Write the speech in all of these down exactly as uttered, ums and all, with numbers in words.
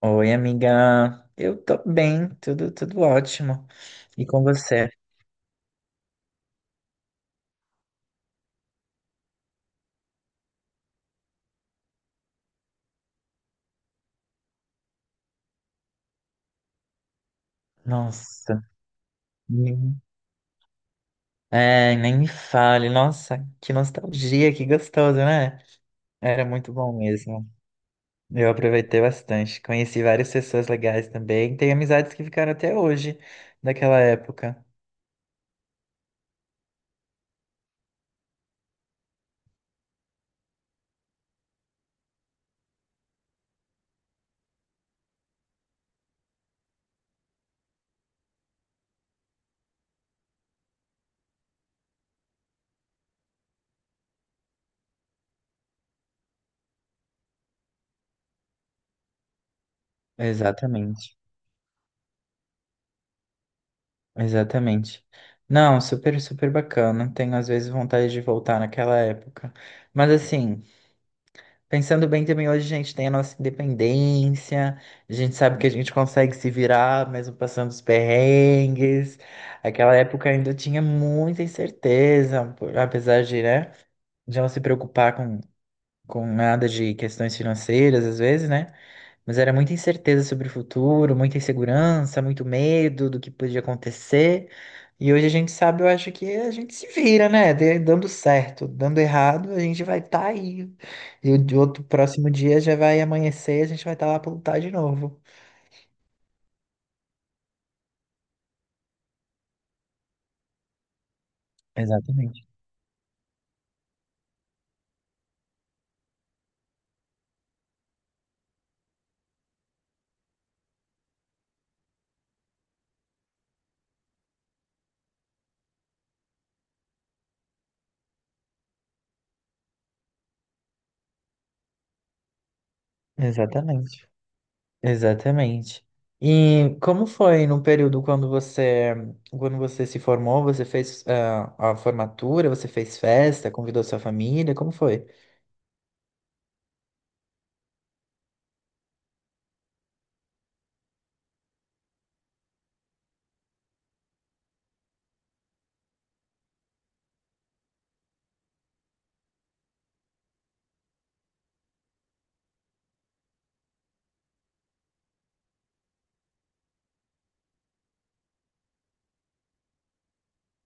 Oi, amiga. Eu tô bem, tudo, tudo ótimo. E com você? Nossa, nem, é, nem me fale. Nossa, que nostalgia, que gostoso, né? Era muito bom mesmo. Eu aproveitei bastante. Conheci várias pessoas legais também. Tenho amizades que ficaram até hoje, daquela época. Exatamente, exatamente. Não, super, super bacana. Tenho às vezes vontade de voltar naquela época. Mas assim. Pensando bem também, hoje a gente tem a nossa independência, a gente sabe que a gente consegue se virar, mesmo passando os perrengues. Aquela época ainda tinha muita incerteza, por- apesar de, né, de não se preocupar com, com nada de questões financeiras, às vezes, né? Mas era muita incerteza sobre o futuro, muita insegurança, muito medo do que podia acontecer. E hoje a gente sabe, eu acho que a gente se vira, né? De- Dando certo, dando errado, a gente vai estar aí. E o de outro próximo dia já vai amanhecer, e a gente vai estar lá para lutar de novo. Exatamente. Exatamente. Exatamente. E como foi no período quando você, quando você se formou, você fez ah, a formatura, você fez festa, convidou sua família, como foi?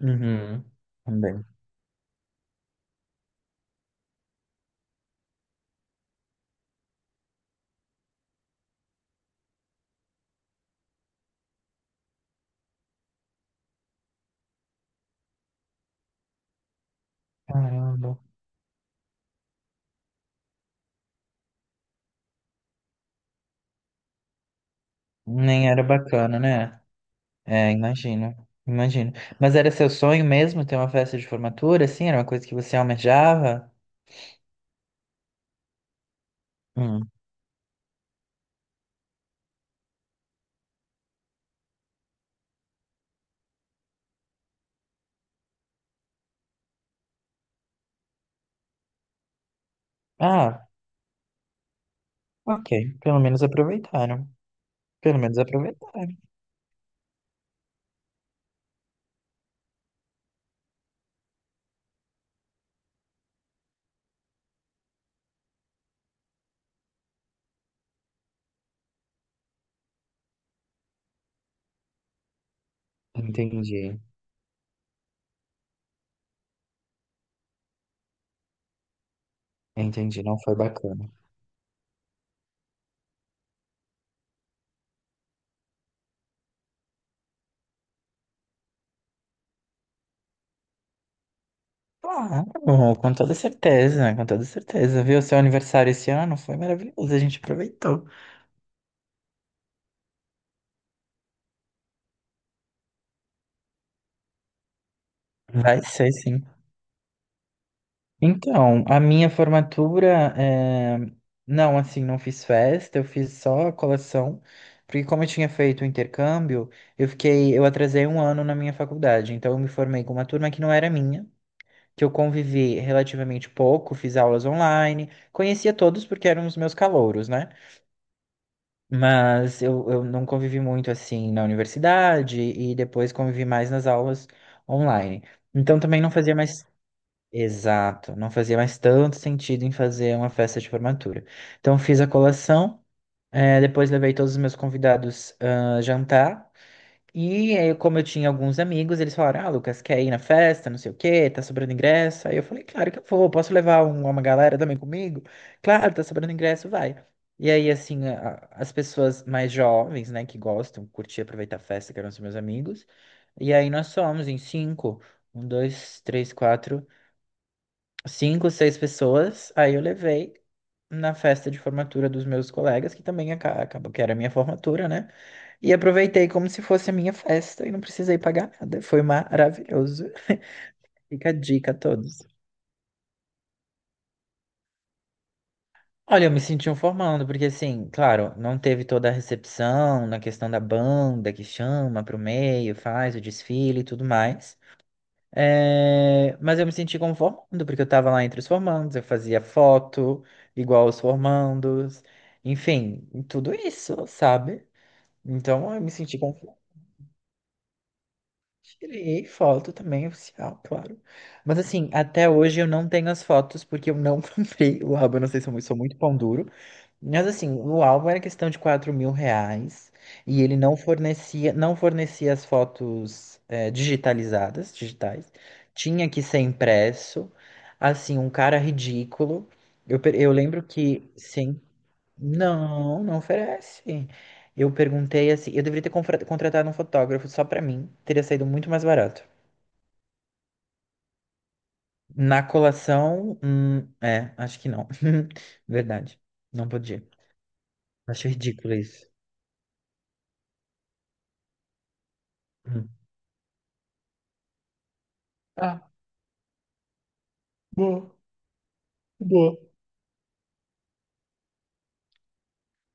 Uhum. Também. Caramba. Nem era bacana, né? É, imagino. Imagino. Mas era seu sonho mesmo ter uma festa de formatura, assim? Era uma coisa que você almejava? Hum. Ah, ok. Pelo menos aproveitaram. Pelo menos aproveitaram. Entendi. Entendi. Não foi bacana. Claro, com toda certeza, com toda certeza. Viu? Seu aniversário esse ano foi maravilhoso. A gente aproveitou. Vai ser, sim. Então, a minha formatura, eh, não, assim, não fiz festa, eu fiz só a colação, porque como eu tinha feito o intercâmbio, eu fiquei, eu atrasei um ano na minha faculdade, então eu me formei com uma turma que não era minha, que eu convivi relativamente pouco, fiz aulas online, conhecia todos porque eram os meus calouros, né? Mas eu, eu não convivi muito, assim, na universidade e depois convivi mais nas aulas online. Então também não fazia mais. Exato, não fazia mais tanto sentido em fazer uma festa de formatura. Então fiz a colação, eh, depois levei todos os meus convidados ah, jantar. E aí, como eu tinha alguns amigos, eles falaram: Ah, Lucas, quer ir na festa? Não sei o quê, tá sobrando ingresso. Aí eu falei: Claro que eu vou, posso levar um- uma galera também comigo? Claro, tá sobrando ingresso, vai. E aí, assim, a- as pessoas mais jovens, né, que gostam, curtir, aproveitar a festa, que eram os meus amigos. E aí nós somos em cinco: um, dois, três, quatro cinco, seis pessoas. Aí eu levei na festa de formatura dos meus colegas, que também aca- acabou que era a minha formatura, né? E aproveitei como se fosse a minha festa e não precisei pagar nada. Foi maravilhoso. Fica a dica a todos. Olha, eu me senti um formando, porque assim, claro, não teve toda a recepção na questão da banda que chama pro meio, faz o desfile e tudo mais. É, mas eu me senti como formando, porque eu estava lá entre os formandos, eu fazia foto igual os formandos, enfim, tudo isso, sabe? Então eu me senti conforme. Tirei foto também, oficial, claro. Mas assim, até hoje eu não tenho as fotos porque eu não comprei o álbum. Eu não sei se eu sou muito pão duro. Mas assim, o álbum era questão de quatro mil reais e ele não fornecia, não fornecia as fotos eh, digitalizadas, digitais. Tinha que ser impresso. Assim, um cara ridículo. Eu, per- eu lembro que, sim, não, não oferece. Eu perguntei assim, eu deveria ter confra- contratado um fotógrafo só pra mim, teria saído muito mais barato. Na colação, hum, é, acho que não. Verdade, não podia. Acho ridículo isso. Hum. Ah, bom. Boa.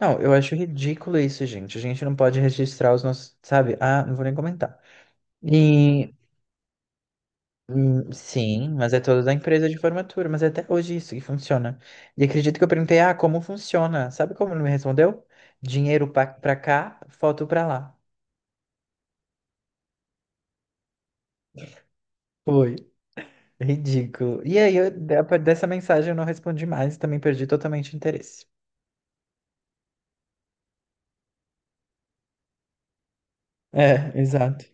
Não, eu acho ridículo isso, gente. A gente não pode registrar os nossos, sabe? Ah, não vou nem comentar. E hum, sim, mas é toda da empresa de formatura, mas é até hoje isso que funciona. E acredito que eu perguntei, ah, como funciona? Sabe como ele me respondeu? Dinheiro pa- pra cá, foto pra lá. Foi. Ridículo. E aí, eu- de- dessa mensagem eu não respondi mais, também perdi totalmente o interesse. É, exato.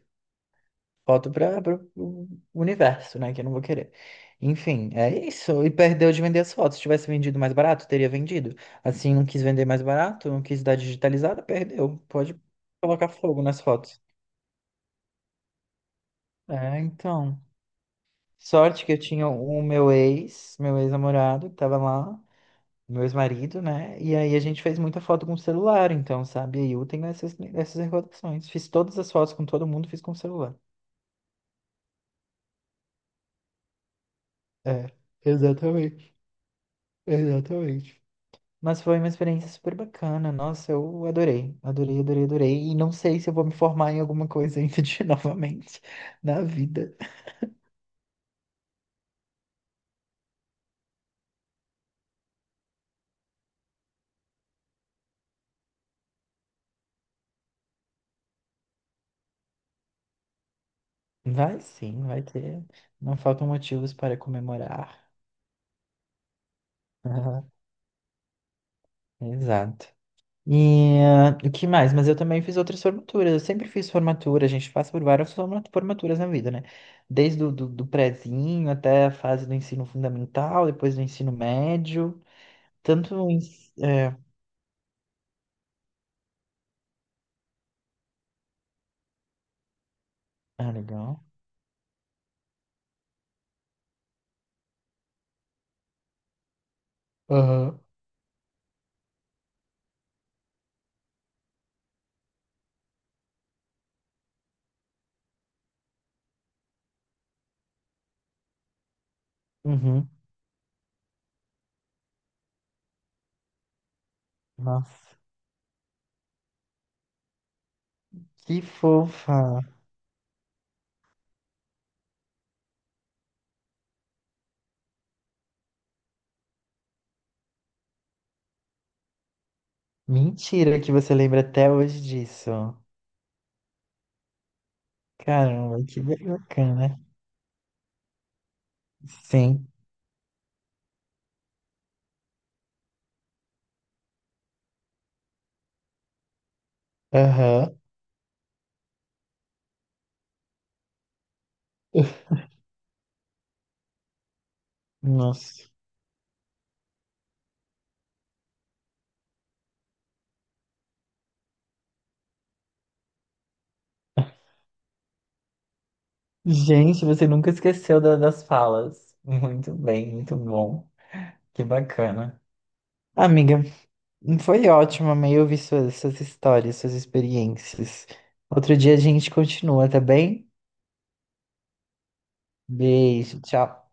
Volto para o universo, né? Que eu não vou querer. Enfim, é isso. E perdeu de vender as fotos. Se tivesse vendido mais barato, teria vendido. Assim, não quis vender mais barato, não quis dar digitalizada, perdeu. Pode colocar fogo nas fotos. É, então. Sorte que eu tinha o meu ex, meu ex-namorado, que tava lá, meu ex-marido, né? E aí a gente fez muita foto com o celular, então, sabe? E aí eu tenho essas, essas recordações. Fiz todas as fotos com todo mundo, fiz com o celular. É, exatamente, exatamente. Mas foi uma experiência super bacana. Nossa, eu adorei, adorei, adorei, adorei. E não sei se eu vou me formar em alguma coisa ainda de novamente na vida. Vai sim, vai ter. Não faltam motivos para comemorar. Aham, exato. E ah, o que mais? Mas eu também fiz outras formaturas. Eu sempre fiz formatura. A gente passa por várias forma- formaturas na vida, né? Desde o do, do prezinho até a fase do ensino fundamental, depois do ensino médio. Tanto em... É... Ah, legal. Aham. Uhum. Nossa, que fofa. Mentira que você lembra até hoje disso. Caramba, que bacana. Sim. Aham. Nossa. Gente, você nunca esqueceu da- das falas. Muito bem, muito bom. Que bacana. Amiga, foi ótimo, amei ouvir suas, suas histórias, suas experiências. Outro dia a gente continua, tá bem? Beijo, tchau.